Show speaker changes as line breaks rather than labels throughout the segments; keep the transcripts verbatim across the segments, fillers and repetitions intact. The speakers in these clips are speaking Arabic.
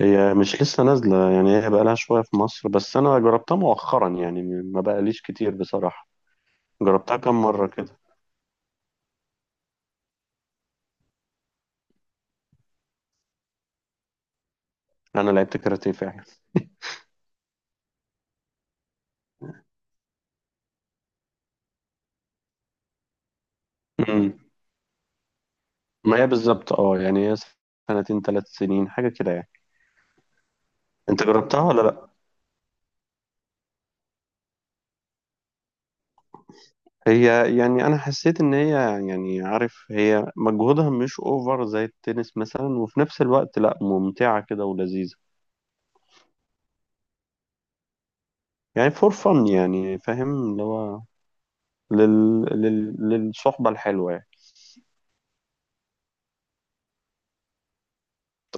هي مش لسه نازلة، يعني هي بقالها شوية في مصر، بس أنا جربتها مؤخرا يعني، ما بقاليش كتير بصراحة. جربتها كم مرة كده؟ أنا لعبت كاراتيه فعلا. أمم. ما هي بالظبط، اه يعني هي سنتين ثلاث سنين حاجة كده يعني. أنت جربتها ولا لأ؟ هي يعني أنا حسيت إن هي، يعني عارف، هي مجهودها مش أوفر زي التنس مثلا، وفي نفس الوقت لأ، ممتعة كده ولذيذة. يعني فور فن، يعني فاهم اللي هو لل... لل... للصحبة الحلوة يعني.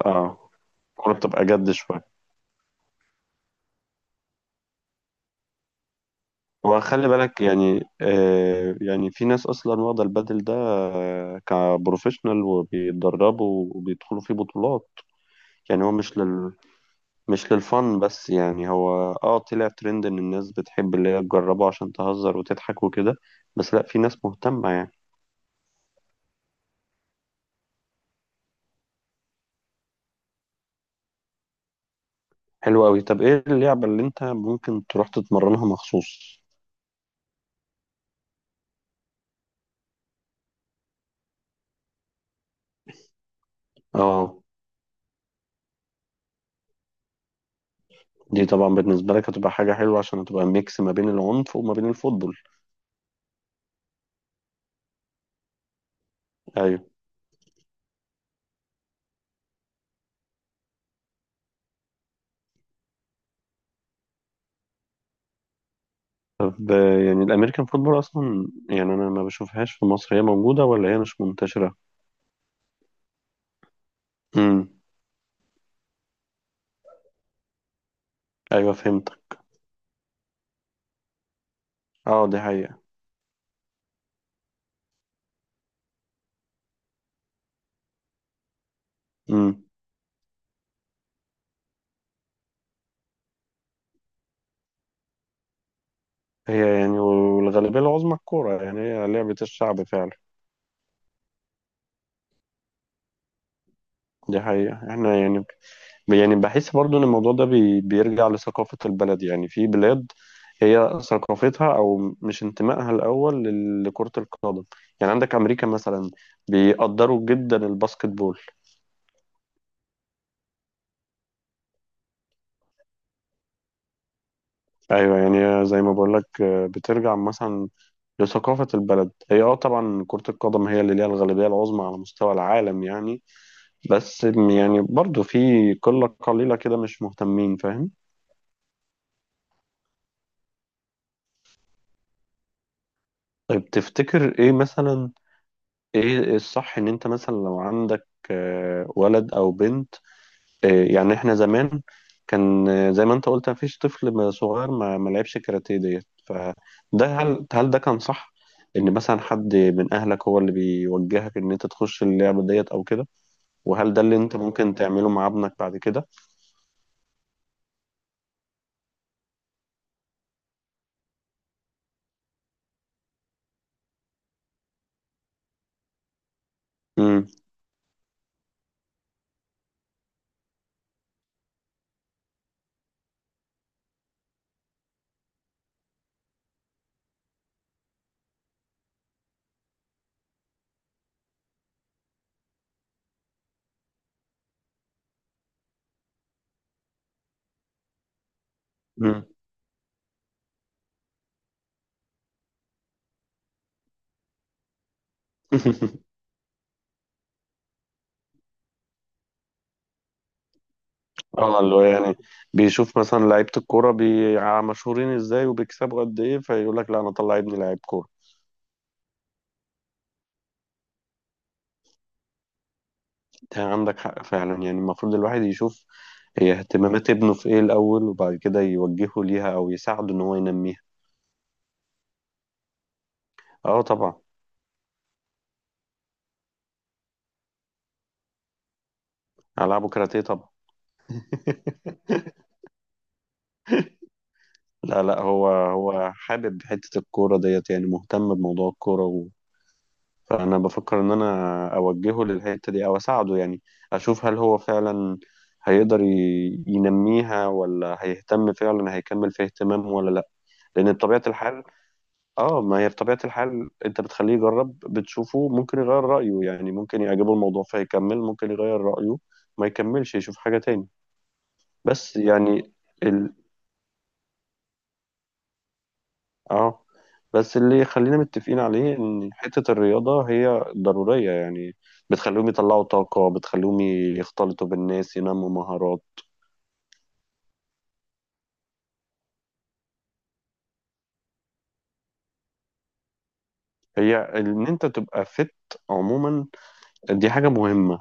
اه. الكورة بتبقى جد شوية. وخلي بالك يعني، آه يعني في ناس اصلا واخده البادل ده آه كبروفيشنال، وبيتدربوا وبيدخلوا فيه بطولات. يعني هو مش لل، مش للفن بس، يعني هو اه طلع ترند ان الناس بتحب اللي هي تجربه عشان تهزر وتضحك وكده، بس لا، في ناس مهتمه يعني. حلو قوي. طب ايه اللعبه اللي انت ممكن تروح تتمرنها مخصوص؟ اه. دي طبعا بالنسبه لك هتبقى حاجه حلوه، عشان هتبقى ميكس ما بين العنف وما بين الفوتبول. ايوه. طب آه، يعني الامريكان فوتبول اصلا، يعني انا ما بشوفهاش في مصر. هي موجوده ولا هي مش منتشره؟ امم. ايوه فهمت. اه دي حقيقه. امم. هي يعني والغالبيه العظمى الكوره، يعني هي لعبه الشعب فعلا. دي حقيقه. احنا يعني، يعني بحس برضو ان الموضوع ده بي بيرجع لثقافه البلد، يعني في بلاد هي ثقافتها، او مش انتمائها الاول لل- لكره القدم. يعني عندك امريكا مثلا بيقدروا جدا الباسكت بول. ايوه. يعني زي ما بقول لك، بترجع مثلا لثقافة البلد. هي اه طبعا كرة القدم هي اللي ليها الغالبية العظمى على مستوى العالم يعني، بس يعني برضو في قلة قليلة كده مش مهتمين، فاهم. طيب تفتكر ايه مثلا؟ ايه الصح؟ ان انت مثلا لو عندك آه، ولد او بنت، آه، يعني احنا زمان كان، آه، زي ما انت قلت، مفيش طفل ما- صغير ما ما لعبش كاراتيه ديت فده. هل هل ده كان صح؟ ان مثلا حد من اهلك هو اللي بيوجهك ان انت تخش اللعبة ديت او كده؟ وهل ده اللي انت ممكن تعمله مع ابنك بعد كده؟ امم. امم. اه. اللي هو يعني بيشوف مثلا لعيبة الكورة بي... مشهورين ازاي، وبيكسبوا قد ايه، فيقول لك لا، انا اطلع ابني لعيب كورة. انت عندك حق فعلا، يعني المفروض الواحد يشوف هي اهتمامات ابنه في ايه الاول، وبعد كده يوجهه ليها او يساعده ان هو ينميها. اه طبعا. العبه كاراتيه طبعا. لا لا، هو هو حابب حتة الكورة ديت، يعني مهتم بموضوع الكورة، فأنا بفكر إن أنا أوجهه للحتة دي أو أساعده، يعني أشوف هل هو فعلا هيقدر ي- ينميها ولا هيهتم فعلا، هيكمل فيها اهتمام ولا لأ. لأن بطبيعة الحال، آه ما هي بطبيعة الحال أنت بتخليه يجرب، بتشوفه ممكن يغير رأيه يعني، ممكن يعجبه الموضوع فيكمل، ممكن يغير رأيه ما يكملش يشوف حاجة تاني. بس يعني اه بس اللي خلينا متفقين عليه ان حتة الرياضة هي ضرورية، يعني بتخليهم يطلعوا طاقة، بتخليهم يختلطوا بالناس، ينموا مهارات. هي ان انت تبقى فت عموما، دي حاجة مهمة.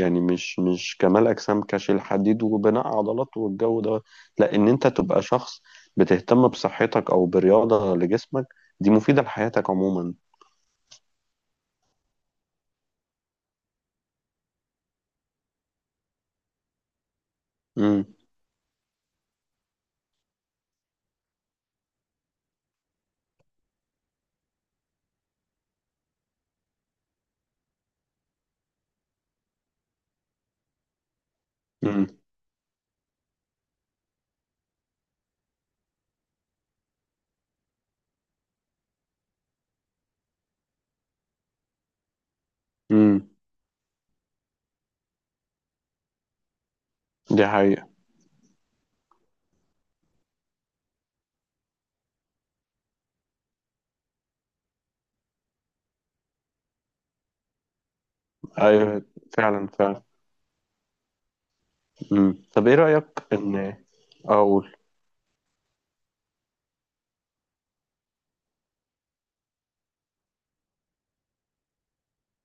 يعني مش مش كمال اجسام كشيل حديد وبناء عضلات والجو ده، لا، ان انت تبقى شخص بتهتم بصحتك او برياضة لجسمك، دي مفيدة لحياتك عموما. امم. امم. امم. دي حقيقة. ايوه فعلا فعلا. مم. طب ايه رأيك ان اقول؟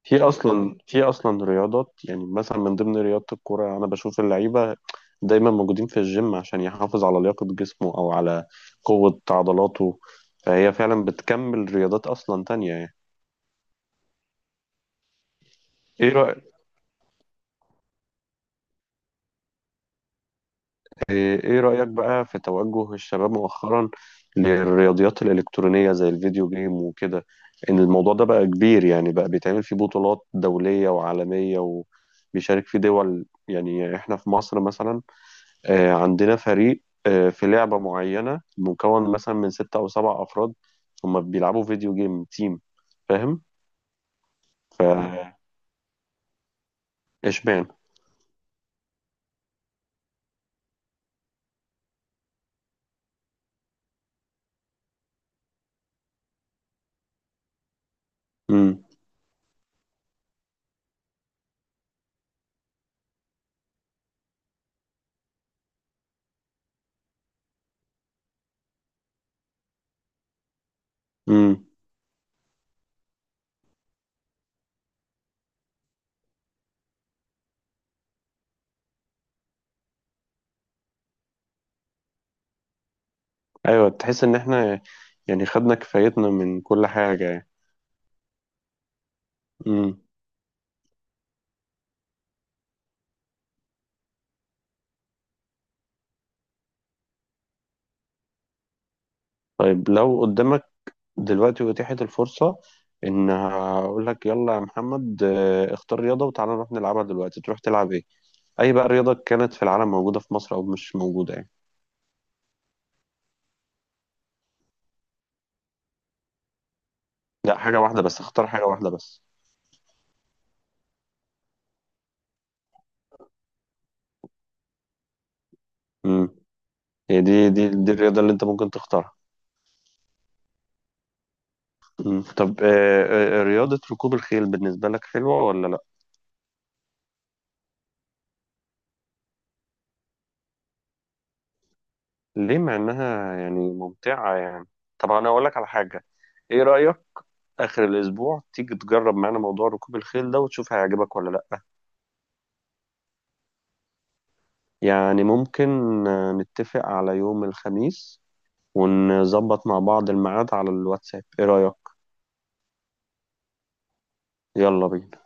في اصلا في اصلا رياضات، يعني مثلا من ضمن رياضة الكورة انا بشوف اللعيبة دايما موجودين في الجيم عشان يحافظ على لياقة جسمه او على قوة عضلاته. فهي فعلا بتكمل رياضات اصلا تانية يعني. ايه رأيك؟ إيه إيه رأيك بقى في توجه الشباب مؤخرا للرياضيات الإلكترونية زي الفيديو جيم وكده؟ إن الموضوع ده بقى كبير، يعني بقى بيتعمل فيه بطولات دولية وعالمية، وبيشارك فيه دول. يعني إحنا في مصر مثلا، آه، عندنا فريق آه، في لعبة معينة مكون مثلا من ستة أو سبع أفراد، هما بيلعبوا فيديو جيم تيم، فاهم؟ فإشبعنا. مم. مم. أيوة، تحس إن إحنا يعني خدنا كفايتنا من كل حاجة يعني. طيب لو قدامك دلوقتي أتيحت الفرصة، إن هقول لك يلا يا محمد، آه، اختار رياضة وتعالى نروح نلعبها دلوقتي، تروح تلعب إيه؟ أي بقى رياضة كانت في العالم، موجودة في مصر أو مش موجودة يعني. لا حاجة واحدة بس، اختار حاجة واحدة بس. امم. هي دي دي دي الرياضة اللي أنت ممكن تختارها؟ مم. طب آه، آه، آه، رياضة ركوب الخيل بالنسبة لك حلوة ولا لأ؟ ليه مع إنها يعني ممتعة يعني؟ طب أنا أقول لك على حاجة. إيه رأيك آخر الأسبوع تيجي تجرب معانا موضوع ركوب الخيل ده وتشوف هيعجبك ولا لأ؟ يعني ممكن، آه، نتفق على يوم الخميس، ونظبط مع بعض الميعاد على الواتساب. ايه رأيك؟ يلا بينا.